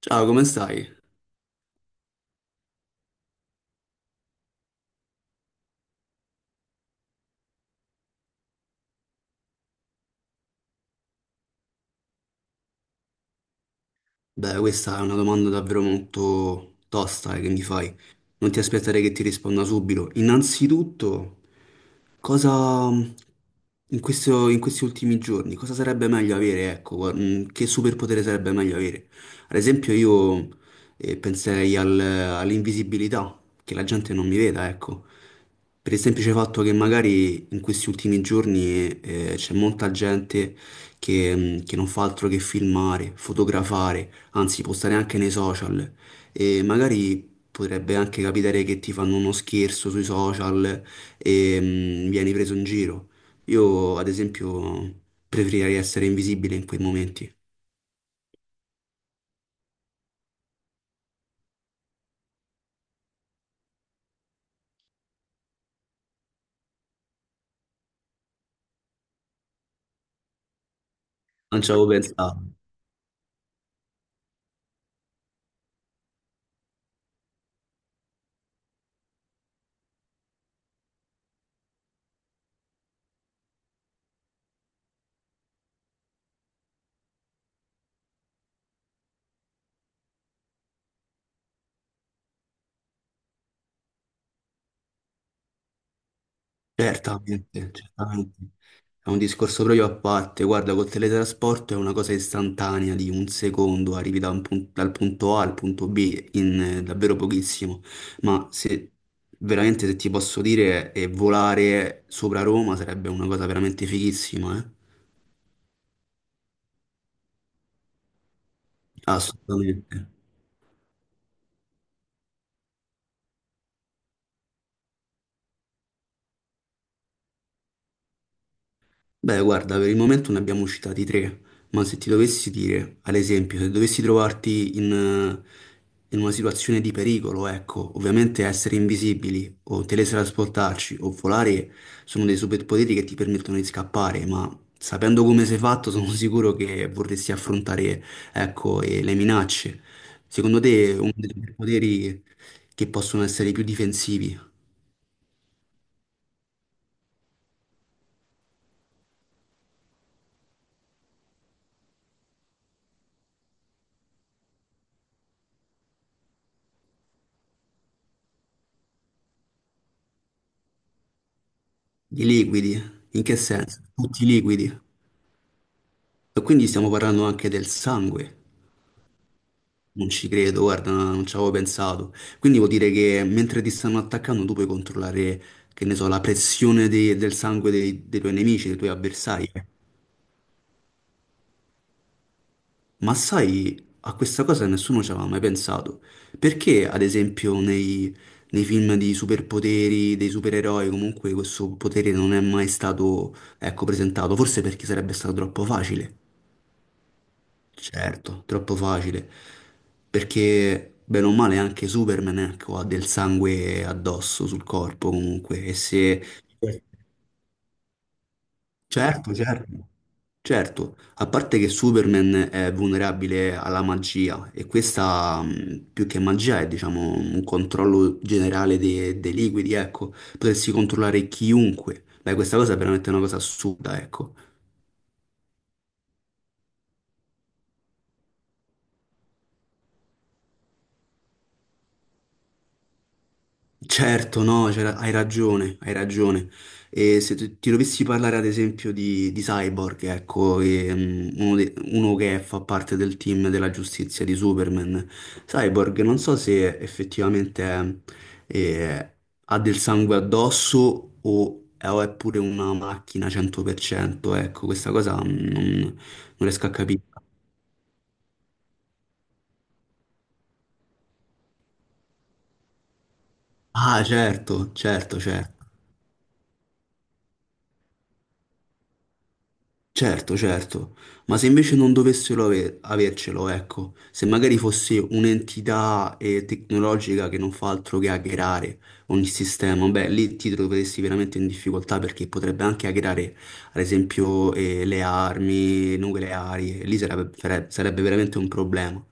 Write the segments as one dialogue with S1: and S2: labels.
S1: Ciao, come stai? Beh, questa è una domanda davvero molto tosta, che mi fai. Non ti aspettare che ti risponda subito. Innanzitutto, cosa in questi ultimi giorni, cosa sarebbe meglio avere? Ecco, che superpotere sarebbe meglio avere? Ad esempio, io penserei all'invisibilità, che la gente non mi veda, ecco. Per il semplice fatto che magari in questi ultimi giorni c'è molta gente che non fa altro che filmare, fotografare, anzi può stare anche nei social e magari potrebbe anche capitare che ti fanno uno scherzo sui social e vieni preso in giro. Io, ad esempio, preferirei essere invisibile in quei momenti. Non ci avevo pensato. Certamente, certamente. È un discorso proprio a parte, guarda, col teletrasporto è una cosa istantanea di un secondo, arrivi da dal punto A al punto B in davvero pochissimo, ma se veramente, se ti posso dire, e volare sopra Roma sarebbe una cosa veramente fighissima, eh? Assolutamente. Beh, guarda, per il momento ne abbiamo citati tre, ma se ti dovessi dire, ad esempio, se dovessi trovarti in una situazione di pericolo, ecco, ovviamente essere invisibili o teletrasportarci o volare sono dei superpoteri che ti permettono di scappare, ma sapendo come sei fatto sono sicuro che vorresti affrontare, ecco, le minacce. Secondo te, uno dei superpoteri che possono essere i più difensivi? I liquidi? In che senso? Tutti liquidi? E quindi stiamo parlando anche del sangue. Non ci credo, guarda, no, non ci avevo pensato. Quindi vuol dire che mentre ti stanno attaccando, tu puoi controllare, che ne so, la pressione del sangue dei tuoi nemici, dei tuoi avversari. Ma sai, a questa cosa nessuno ci aveva mai pensato. Perché, ad esempio, nei film di superpoteri, dei supereroi, comunque questo potere non è mai stato, ecco, presentato? Forse perché sarebbe stato troppo facile. Certo, troppo facile. Perché, bene o male, anche Superman, ecco, ha del sangue addosso sul corpo comunque. E se... Certo, certo, certo. A parte che Superman è vulnerabile alla magia e questa, più che magia, è diciamo un controllo generale dei liquidi, ecco. Potresti controllare chiunque. Beh, questa cosa è veramente una cosa assurda, ecco. Certo, no, hai ragione, hai ragione. E se tu- ti dovessi parlare, ad esempio, di Cyborg, ecco, che, uno che fa parte del team della giustizia di Superman. Cyborg non so se effettivamente eh, ha del sangue addosso o è pure una macchina 100%, ecco, questa cosa non riesco a capire. Ah, certo, certo, certo. Certo, certo, ma se invece non dovessero avercelo, ecco, se magari fosse un'entità tecnologica che non fa altro che hackerare ogni sistema, beh, lì ti troveresti veramente in difficoltà perché potrebbe anche hackerare, ad esempio, le armi nucleari, e lì sarebbe veramente un problema.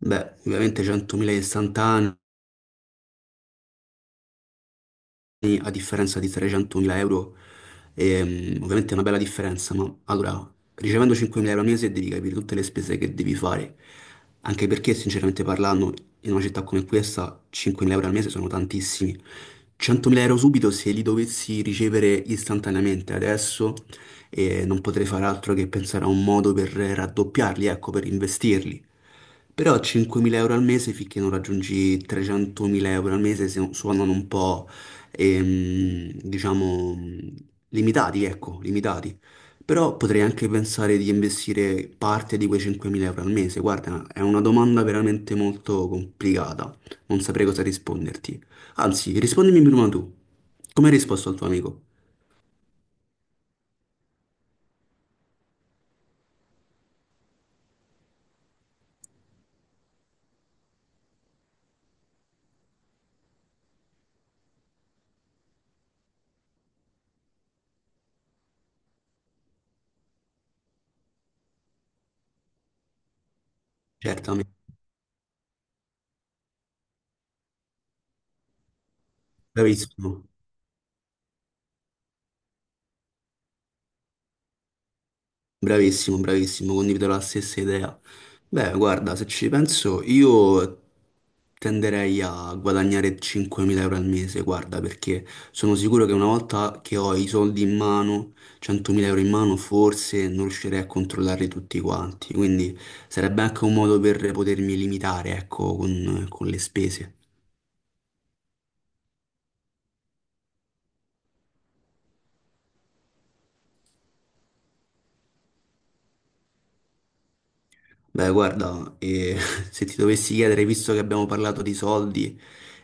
S1: Beh, ovviamente 100.000 istantanee. Sì, a differenza di 300.000 euro, ovviamente è una bella differenza, ma allora, ricevendo 5.000 euro al mese devi capire tutte le spese che devi fare, anche perché sinceramente parlando, in una città come questa 5.000 euro al mese sono tantissimi. 100.000 euro subito, se li dovessi ricevere istantaneamente adesso, non potrei fare altro che pensare a un modo per raddoppiarli, ecco, per investirli. Però 5.000 euro al mese finché non raggiungi 300.000 euro al mese suonano un po', diciamo, limitati, ecco, limitati. Però potrei anche pensare di investire parte di quei 5.000 euro al mese. Guarda, è una domanda veramente molto complicata. Non saprei cosa risponderti. Anzi, rispondimi prima tu. Come hai risposto al tuo amico? Certamente, bravissimo. Bravissimo, bravissimo, condivido la stessa idea. Beh, guarda, se ci penso, io tenderei a guadagnare 5.000 euro al mese, guarda, perché sono sicuro che una volta che ho i soldi in mano, 100.000 euro in mano, forse non riuscirei a controllarli tutti quanti. Quindi sarebbe anche un modo per potermi limitare, ecco, con le spese. Beh, guarda, se ti dovessi chiedere, visto che abbiamo parlato di soldi,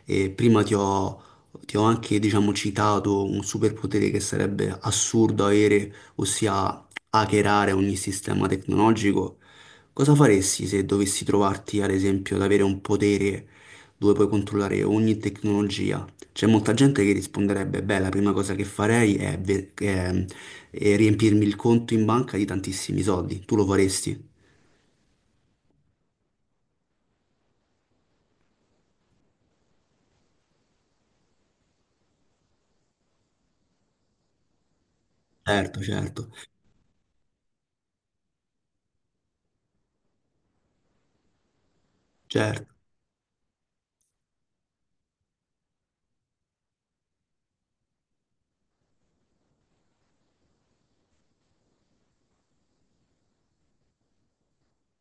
S1: prima ti ho anche, diciamo, citato un superpotere che sarebbe assurdo avere, ossia hackerare ogni sistema tecnologico. Cosa faresti se dovessi trovarti, ad esempio, ad avere un potere dove puoi controllare ogni tecnologia? C'è molta gente che risponderebbe, beh, la prima cosa che farei è è riempirmi il conto in banca di tantissimi soldi. Tu lo faresti? Certo, certo, certo.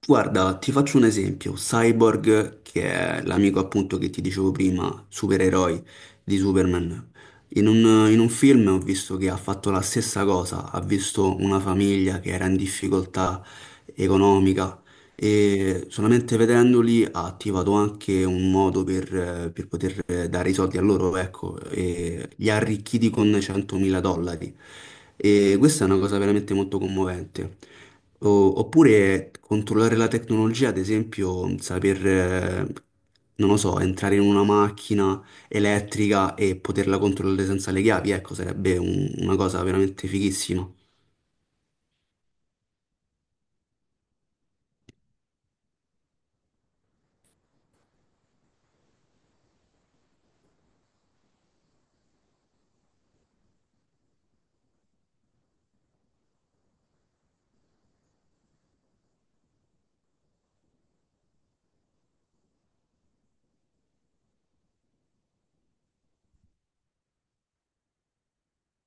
S1: Guarda, ti faccio un esempio. Cyborg, che è l'amico appunto che ti dicevo prima, supereroi di Superman. In un film ho visto che ha fatto la stessa cosa, ha visto una famiglia che era in difficoltà economica, e solamente vedendoli ha attivato anche un modo per poter dare i soldi a loro, ecco, e li ha arricchiti con 100.000 dollari. E questa è una cosa veramente molto commovente. Oppure controllare la tecnologia, ad esempio, saper, non lo so, entrare in una macchina elettrica e poterla controllare senza le chiavi, ecco, sarebbe una cosa veramente fighissima.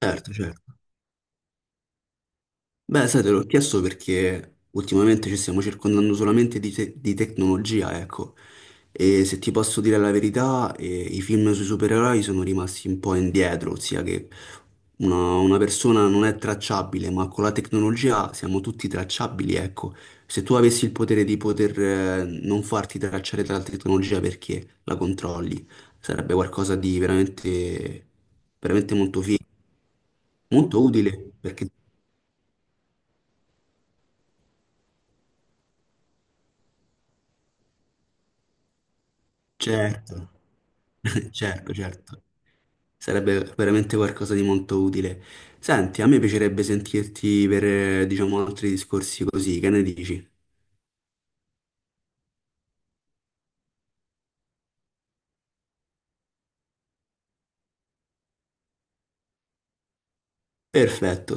S1: Certo, certo. Beh, sai, te l'ho chiesto perché ultimamente ci stiamo circondando solamente di tecnologia, ecco. E se ti posso dire la verità, i film sui supereroi sono rimasti un po' indietro, ossia che una persona non è tracciabile, ma con la tecnologia siamo tutti tracciabili, ecco. Se tu avessi il potere di poter, non farti tracciare dalla tecnologia perché la controlli, sarebbe qualcosa di veramente, veramente molto figo, molto utile. Perché Certo, certo, certo. Sarebbe veramente qualcosa di molto utile. Senti, a me piacerebbe sentirti per, diciamo, altri discorsi così, che ne dici? Perfetto.